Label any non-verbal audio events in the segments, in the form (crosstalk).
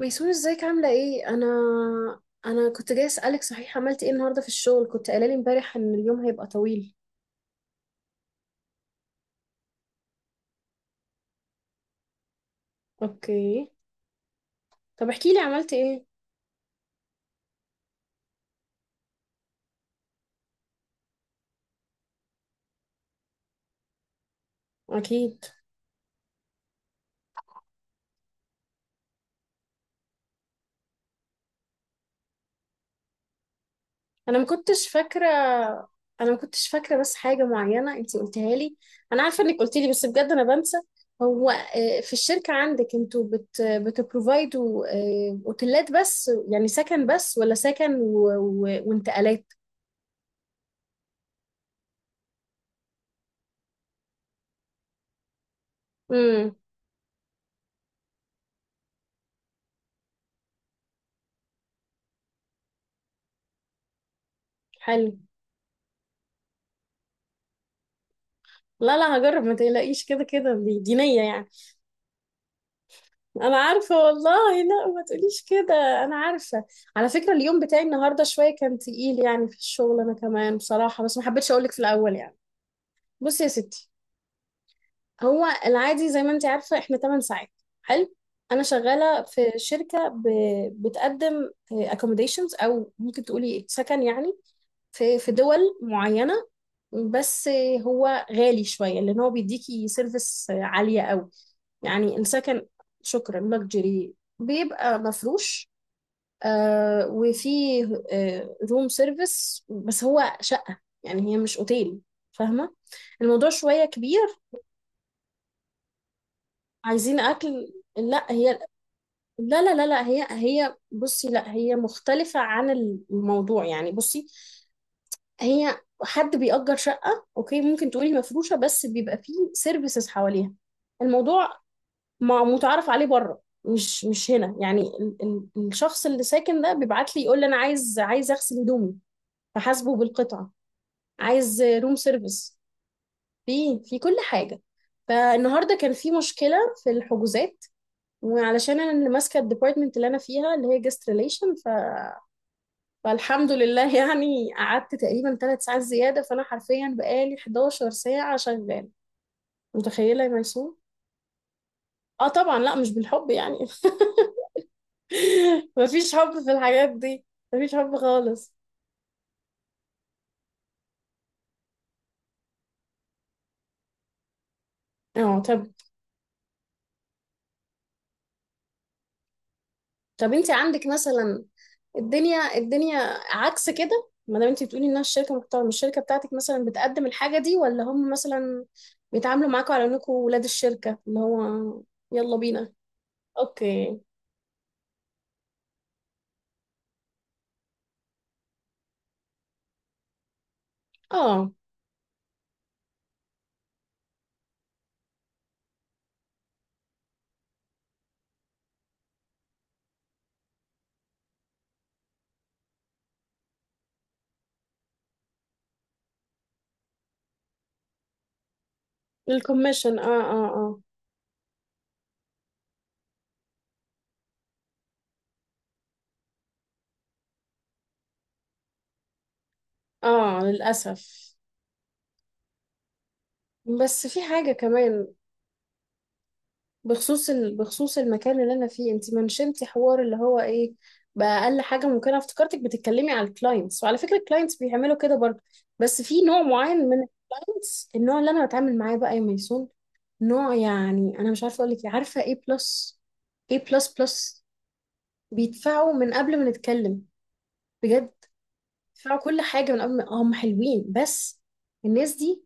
ميسون، ازيك عاملة ايه؟ انا كنت جاي اسألك، صحيح عملت ايه النهاردة في الشغل؟ كنت قايلة لي امبارح ان اليوم هيبقى طويل. اوكي. طب احكي لي، عملت ايه؟ اكيد. انا ما كنتش فاكرة انا ما كنتش فاكرة بس حاجة معينة انتي قلتها لي. انا عارفة انك قلتي لي، بس بجد انا بنسى. هو في الشركة عندك انتوا بتبروفايدوا، اوتيلات بس، يعني سكن بس، ولا سكن وانتقالات؟ امم. حلو. لا لا، هجرب ما تقلقيش، كده كده دي دينية يعني. انا عارفه والله، لا ما تقوليش كده. انا عارفه. على فكره اليوم بتاعي النهارده شويه كان تقيل يعني، في الشغل انا كمان بصراحه، بس ما حبيتش اقولك في الاول يعني. بصي يا ستي، هو العادي زي ما انت عارفه احنا 8 ساعات. حلو. انا شغاله في شركه بتقدم accommodations، او ممكن تقولي سكن يعني، في دول معينه، بس هو غالي شويه، لان هو بيديكي سيرفيس عاليه قوي يعني، السكن. شكرا، لكجري بيبقى مفروش. وفيه روم سيرفيس، بس هو شقة يعني، هي مش اوتيل. فاهمة، الموضوع شوية كبير. عايزين أكل. لا هي، لا لا لا لا، هي بصي، لا هي مختلفة عن الموضوع يعني. بصي، هي حد بيأجر شقة اوكي، ممكن تقولي مفروشة، بس بيبقى فيه سيرفيسز حواليها. الموضوع ما متعرف عليه بره، مش هنا يعني. ال ال الشخص اللي ساكن ده بيبعت لي يقول لي انا عايز اغسل هدومي، فحاسبه بالقطعه. عايز روم سيرفيس، في كل حاجه. فالنهارده كان في مشكله في الحجوزات، وعلشان انا اللي ماسكه الديبارتمنت اللي انا فيها اللي هي جست ريليشن، فالحمد لله يعني، قعدت تقريبا 3 ساعات زياده، فانا حرفيا بقالي 11 ساعه شغاله، متخيله يا ميسون؟ اه طبعا، لا مش بالحب يعني. (laughs) (laughs) مفيش حب في الحاجات دي، مفيش حب خالص. اه طب، طب انت عندك مثلا الدنيا الدنيا عكس كده؟ ما دام انت بتقولي انها الشركه محترمه، الشركه بتاعتك مثلا بتقدم الحاجه دي، ولا هم مثلا بيتعاملوا معاكم على انكم ولاد الشركه اللي هو؟ يلا بينا. اوكي. اه، الكوميشن، اه اه اه. اه للاسف. بس في حاجه كمان بخصوص بخصوص المكان اللي انا فيه، انت منشنتي حوار اللي هو ايه بقى، اقل حاجه ممكنه. افتكرتك بتتكلمي على الكلاينتس، وعلى فكره الكلاينتس بيعملوا كده برضه. بس في نوع معين من الكلاينتس، النوع اللي انا بتعامل معاه بقى يا ميسون. نوع يعني انا مش عارفه اقول لك إيه، عارفه ايه، بلس. ايه، بلس. بيدفعوا من قبل ما نتكلم، بجد. بيدفعوا كل حاجه من قبل، ما هم حلوين بس، الناس دي.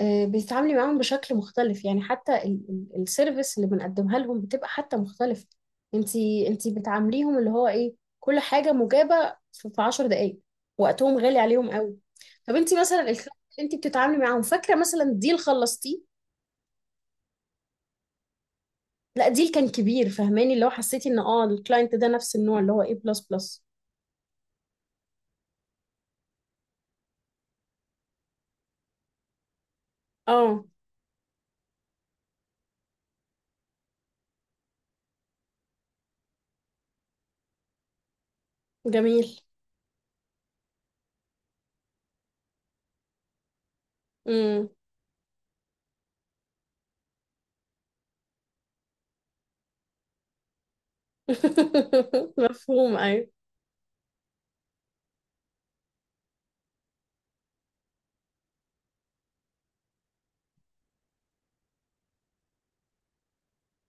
بيتعاملي معاهم بشكل مختلف يعني، حتى السيرفيس اللي بنقدمها لهم بتبقى حتى مختلفة. انتي بتعامليهم اللي هو ايه، كل حاجة مجابة في 10 دقايق، وقتهم غالي عليهم قوي. طب انتي مثلا الكلاينت اللي انتي بتتعاملي معاهم، فاكرة مثلا ديل خلصتيه؟ لا ديل كان كبير، فهماني اللي هو حسيتي ان اه الكلاينت ده نفس النوع اللي هو ايه بلس بلس؟ اه، جميل. امم. (laughs) مفهوم، ايوه.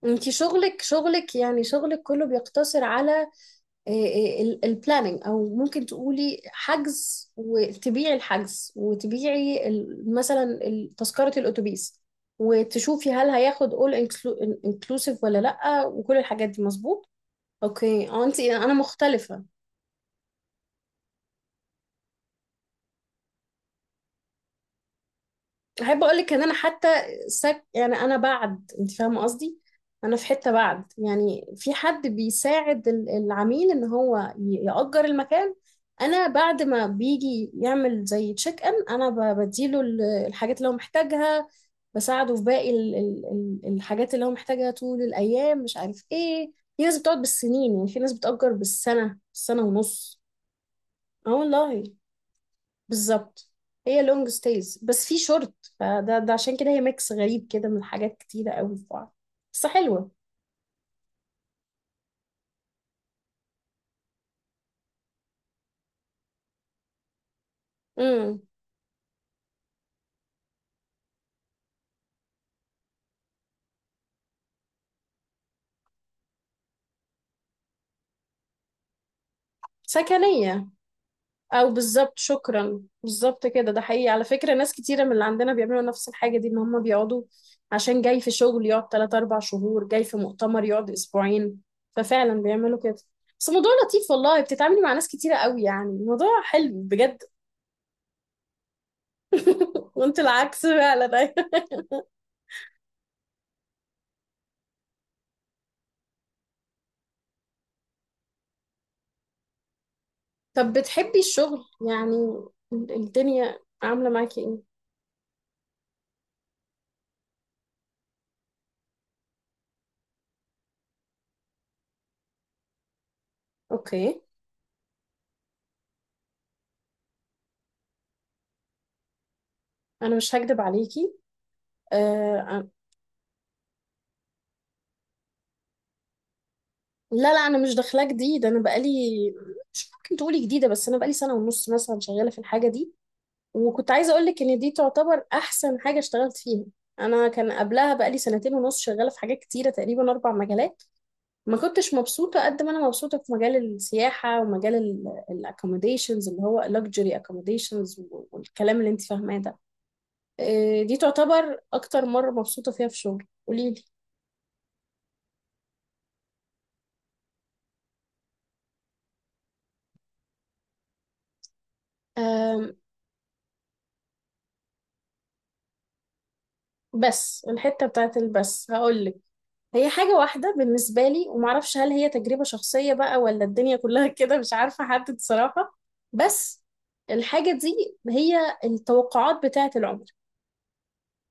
انتي شغلك يعني شغلك كله بيقتصر على البلاننج، او ممكن تقولي حجز، وتبيعي الحجز، وتبيعي مثلا تذكرة الاتوبيس، وتشوفي هل هياخد inclusive ولا لا، وكل الحاجات دي؟ مظبوط. اوكي. اه انت، انا مختلفة. احب اقول لك ان انا حتى يعني انا بعد، انت فاهمه قصدي، انا في حته بعد يعني، في حد بيساعد العميل ان هو يأجر المكان. انا بعد ما بيجي يعمل زي تشيك ان، انا بديله الحاجات اللي هو محتاجها، بساعده في باقي الحاجات اللي هو محتاجها طول الايام، مش عارف ايه. في ناس بتقعد بالسنين يعني، في ناس بتأجر بالسنه، سنه ونص. اه والله، بالظبط. هي لونج ستايز بس في شورت. فده عشان كده هي ميكس غريب كده من حاجات كتيرة قوي في بعض، بس حلوة. امم. سكنية او بالظبط، شكرا، بالظبط كده. ده حقيقي على فكرة، ناس كتيرة من اللي عندنا بيعملوا نفس الحاجة دي، ان هم بيقعدوا عشان جاي في شغل يقعد 3 4 شهور، جاي في مؤتمر يقعد اسبوعين، ففعلا بيعملوا كده. بس الموضوع لطيف والله، بتتعاملي مع ناس كتيرة قوي يعني، الموضوع حلو بجد. (laughs) وانت العكس فعلا. طب بتحبي الشغل يعني، الدنيا عاملة معاكي ايه؟ اوكي. انا مش هكدب عليكي. آه لا لا، انا مش داخلة جديد، انا بقالي، مش ممكن تقولي جديدة، بس انا بقالي سنة ونص مثلا شغالة في الحاجة دي. وكنت عايزة اقولك ان دي تعتبر احسن حاجة اشتغلت فيها. انا كان قبلها بقالي سنتين ونص شغالة في حاجات كتيرة، تقريبا اربع مجالات. ما كنتش مبسوطة قد ما انا مبسوطة في مجال السياحة، ومجال الاكوموديشنز اللي هو luxury accommodations والكلام اللي انت فاهماه ده. دي تعتبر اكتر مرة مبسوطة فيها في شغل. قوليلي. آم، بس الحتة بتاعت البس هقولك، هي حاجة واحدة بالنسبة لي، ومعرفش هل هي تجربة شخصية بقى ولا الدنيا كلها (laughs) كده، مش عارفة أحدد صراحة. بس الحاجة دي هي التوقعات بتاعت العمر،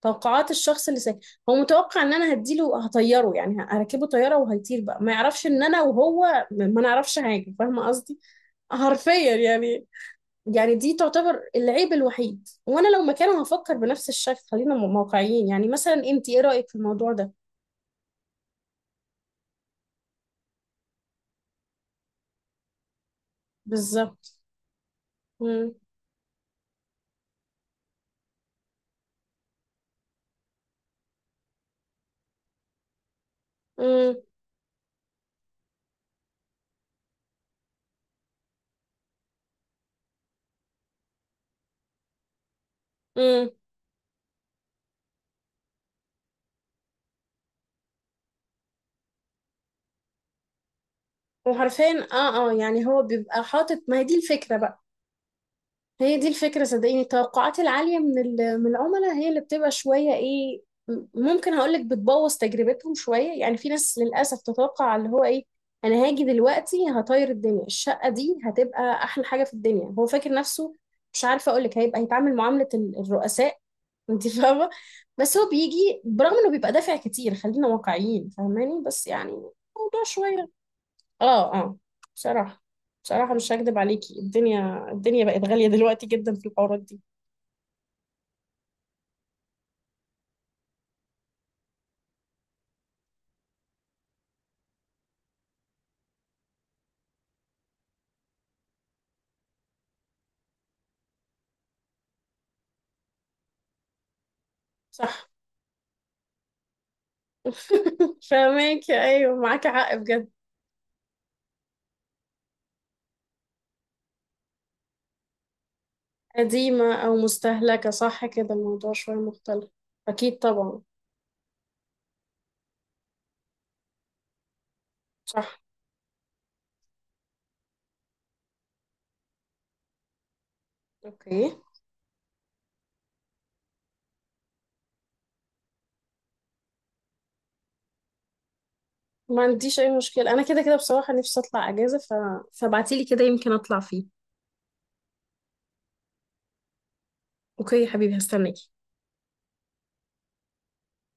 توقعات الشخص اللي ساكن. هو متوقع ان انا هديله، هطيره يعني، هركبه طيارة وهيطير بقى، ما يعرفش ان انا وهو ما ما نعرفش حاجة. فاهمة قصدي، حرفيا يعني. يعني دي تعتبر العيب الوحيد، وانا لو مكانه هفكر بنفس الشكل. خلينا واقعيين يعني، مثلا انت ايه رأيك في الموضوع ده؟ بالظبط. امم. امم. امم. وحرفيا، اه اه يعني، هو بيبقى حاطط، ما هي دي الفكرة بقى. هي دي الفكرة، صدقيني، التوقعات العالية من من العملاء هي اللي بتبقى شوية ايه، ممكن هقولك بتبوظ تجربتهم شوية يعني. في ناس للأسف تتوقع اللي هو ايه، أنا هاجي دلوقتي هطير الدنيا، الشقة دي هتبقى أحلى حاجة في الدنيا، هو فاكر نفسه، مش عارفة أقولك، هيبقى هيتعامل معاملة الرؤساء. (laughs) انت فاهمة. بس هو بيجي برغم انه بيبقى دافع كتير، خلينا واقعيين فاهماني، بس يعني موضوع شوية. اه اه بصراحة، بصراحة مش هكدب عليكي، الدنيا الدنيا بقت غالية دلوقتي جدا في الحوارات دي. صح. (laughs) فاهمك، ايوه، معاكي حق بجد. قديمة او مستهلكة، صح. كده الموضوع شوية مختلف. اكيد طبعا. صح. اوكي، ما عنديش اي مشكلة، انا كده كده بصراحة نفسي اطلع اجازة، فابعتيلي كده يمكن اطلع فيه. اوكي يا حبيبي، هستناكي.